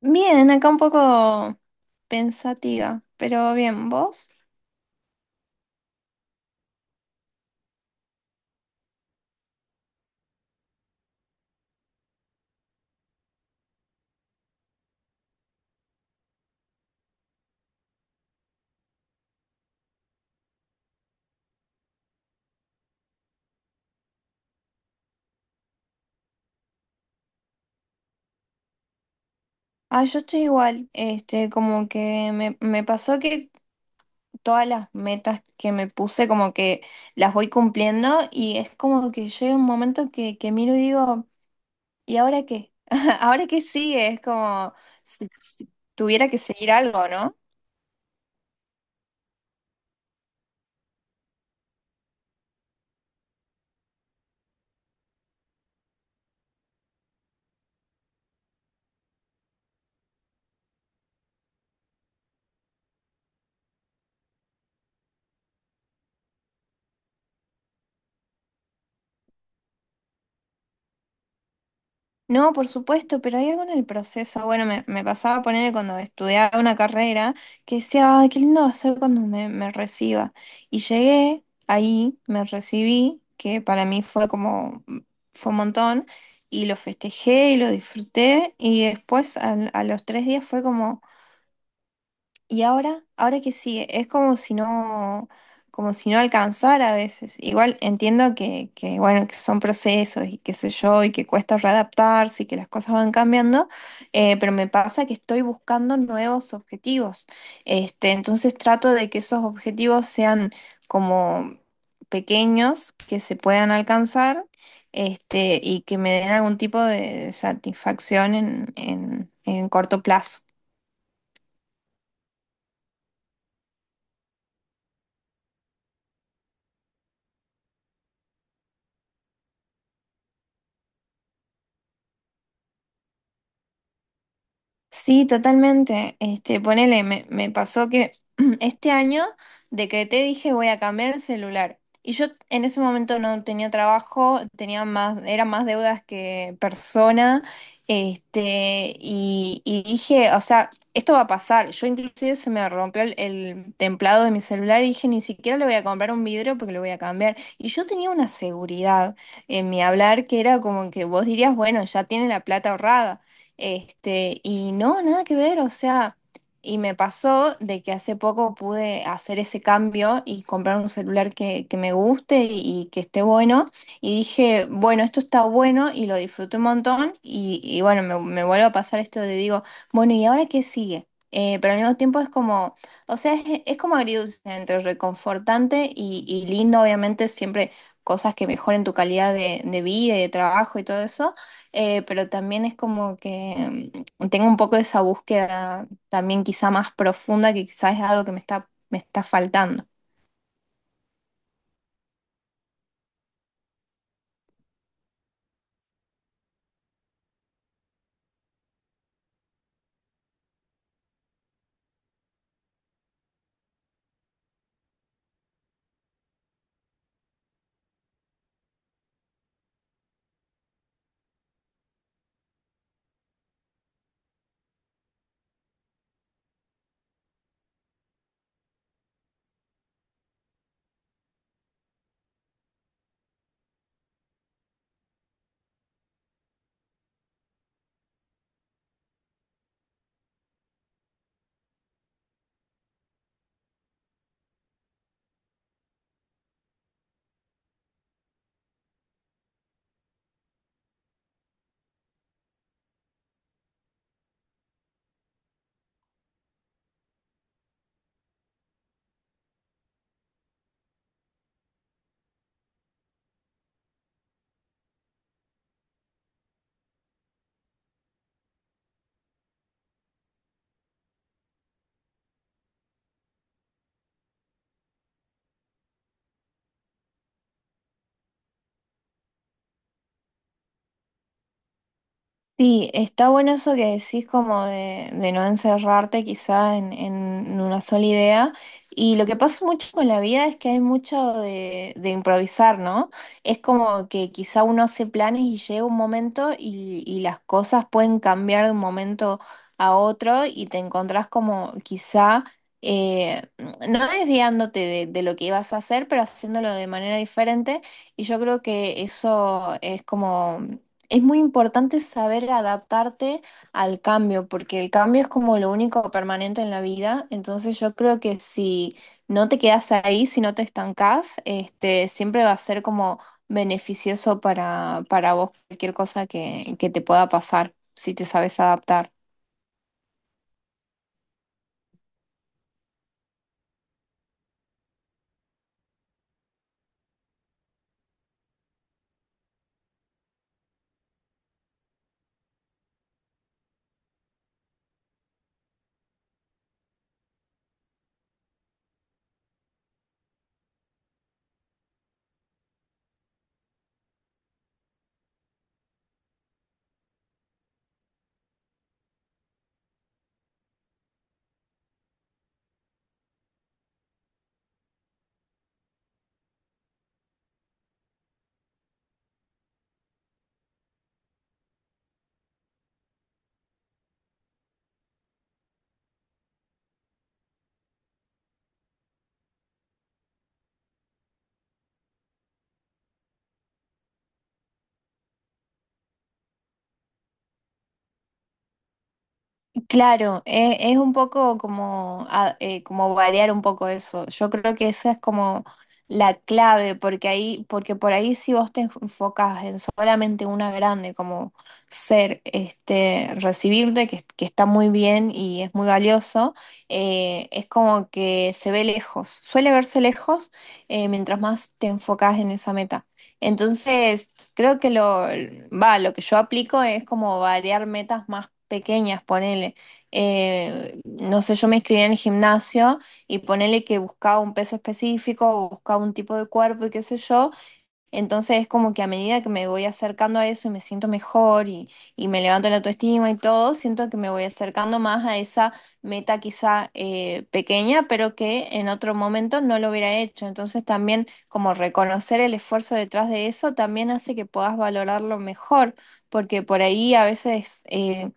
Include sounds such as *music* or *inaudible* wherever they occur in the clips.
Bien, acá un poco pensativa, pero bien, ¿vos? Ah, yo estoy igual, este, como que me pasó que todas las metas que me puse, como que las voy cumpliendo y es como que llega un momento que miro y digo, ¿y ahora qué? *laughs* ¿Ahora qué sigue? Es como si tuviera que seguir algo, ¿no? No, por supuesto, pero hay algo en el proceso. Bueno, me pasaba a ponerle cuando estudiaba una carrera que decía, ay, qué lindo va a ser cuando me reciba. Y llegué ahí, me recibí, que para mí fue como, mm, fue un montón, y lo festejé y lo disfruté. Y después a los 3 días fue como. ¿Y ahora? ¿Ahora qué sigue? Es como si no alcanzara a veces. Igual entiendo bueno, que son procesos y qué sé yo, y que cuesta readaptarse y que las cosas van cambiando, pero me pasa que estoy buscando nuevos objetivos. Este, entonces trato de que esos objetivos sean como pequeños, que se puedan alcanzar, este, y que me den algún tipo de satisfacción en corto plazo. Sí, totalmente. Este, ponele, me pasó que *clears throat* este año decreté, dije, voy a cambiar el celular. Y yo en ese momento no tenía trabajo, tenía más, era más deudas que persona. Y dije, o sea, esto va a pasar. Yo inclusive se me rompió el templado de mi celular y dije, ni siquiera le voy a comprar un vidrio porque lo voy a cambiar. Y yo tenía una seguridad en mi hablar que era como que vos dirías, bueno, ya tiene la plata ahorrada. Y no, nada que ver, o sea, y me pasó de que hace poco pude hacer ese cambio y comprar un celular que me guste y que esté bueno, y dije, bueno, esto está bueno y lo disfruté un montón, y bueno, me vuelve a pasar esto de digo, bueno, ¿y ahora qué sigue? Pero al mismo tiempo es como, o sea, es como agridulce entre reconfortante y lindo, obviamente, siempre cosas que mejoren tu calidad de vida y de trabajo y todo eso pero también es como que mm, tengo un poco esa búsqueda también quizá más profunda que quizás es algo que me está faltando. Sí, está bueno eso que decís como de no encerrarte quizá en una sola idea. Y lo que pasa mucho con la vida es que hay mucho de improvisar, ¿no? Es como que quizá uno hace planes y llega un momento y las cosas pueden cambiar de un momento a otro y te encontrás como quizá, eh, no desviándote de lo que ibas a hacer, pero haciéndolo de manera diferente. Y yo creo que eso es como es muy importante saber adaptarte al cambio, porque el cambio es como lo único permanente en la vida. Entonces yo creo que si no te quedas ahí, si no te estancás, este, siempre va a ser como beneficioso para vos cualquier cosa que te pueda pasar, si te sabes adaptar. Claro, es, un poco como, como variar un poco eso. Yo creo que esa es como la clave, porque ahí, porque por ahí si vos te enfocas en solamente una grande, como ser, este, recibirte, que está muy bien y es muy valioso, es como que se ve lejos. Suele verse lejos, mientras más te enfocas en esa meta. Entonces, creo que lo que yo aplico es como variar metas más pequeñas, ponele no sé, yo me inscribí en el gimnasio y ponele que buscaba un peso específico o buscaba un tipo de cuerpo y qué sé yo, entonces es como que a medida que me voy acercando a eso y me siento mejor y me levanto la autoestima y todo, siento que me voy acercando más a esa meta quizá pequeña, pero que en otro momento no lo hubiera hecho. Entonces también como reconocer el esfuerzo detrás de eso también hace que puedas valorarlo mejor, porque por ahí a veces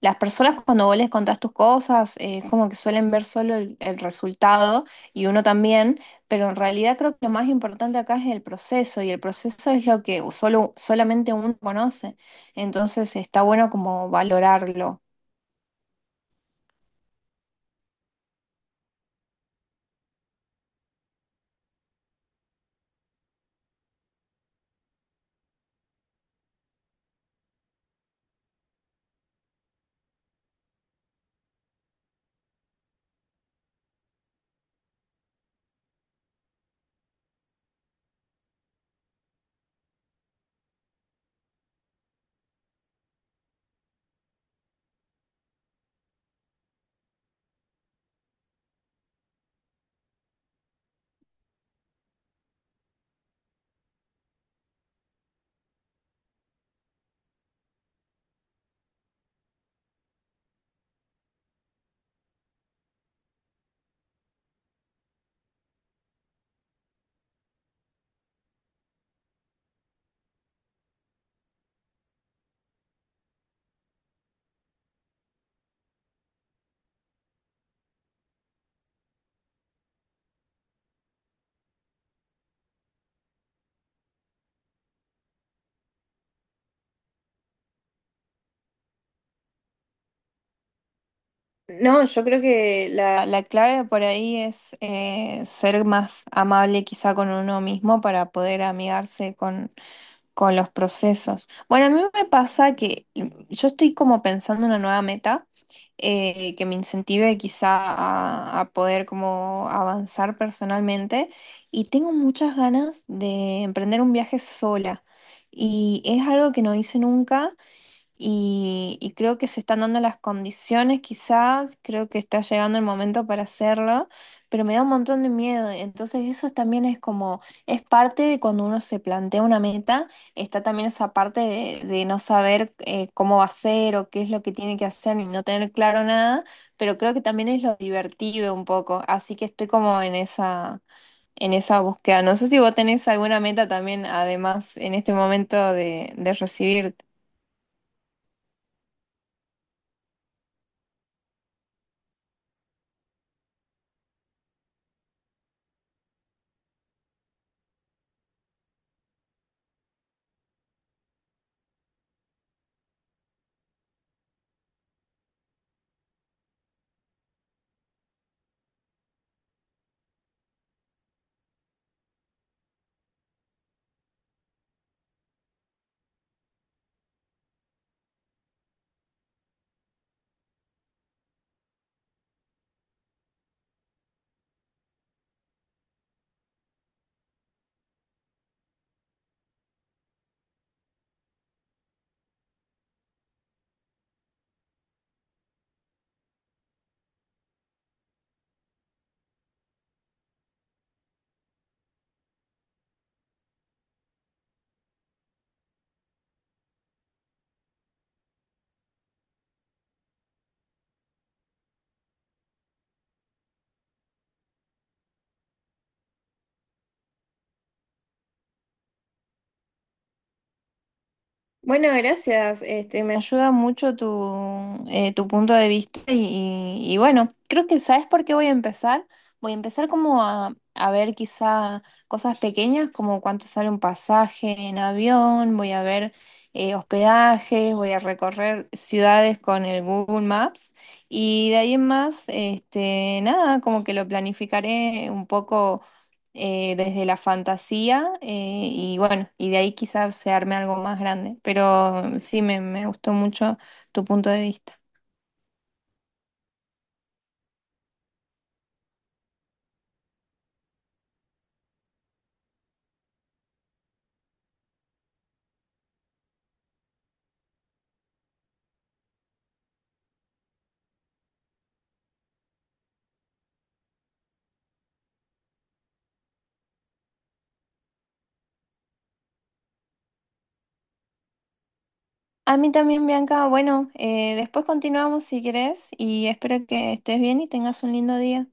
las personas cuando vos les contás tus cosas es como que suelen ver solo el resultado y uno también. Pero en realidad creo que lo más importante acá es el proceso y el proceso es lo que solamente uno conoce. Entonces está bueno como valorarlo. No, yo creo que la clave por ahí es ser más amable quizá con uno mismo para poder amigarse con los procesos. Bueno, a mí me pasa que mm, yo estoy como pensando una nueva meta que me incentive quizá a poder como avanzar personalmente y tengo muchas ganas de emprender un viaje sola y es algo que no hice nunca y creo que se están dando las condiciones quizás, creo que está llegando el momento para hacerlo, pero me da un montón de miedo. Entonces eso también es como, es parte de cuando uno se plantea una meta, está también esa parte de no saber cómo va a ser o qué es lo que tiene que hacer y no tener claro nada, pero creo que también es lo divertido un poco, así que estoy como en esa búsqueda. No sé si vos tenés alguna meta también, además, en este momento de recibirte. Bueno, gracias. Este, me ayuda mucho tu punto de vista y bueno, creo que ¿sabes por qué voy a empezar? Voy a empezar como a ver quizá cosas pequeñas como cuánto sale un pasaje en avión, voy a ver hospedajes, voy a recorrer ciudades con el Google Maps y de ahí en más, este, nada, como que lo planificaré un poco desde la fantasía y bueno, y de ahí quizás se arme algo más grande, pero sí, me gustó mucho tu punto de vista. A mí también, Bianca, bueno, después continuamos si querés y espero que estés bien y tengas un lindo día.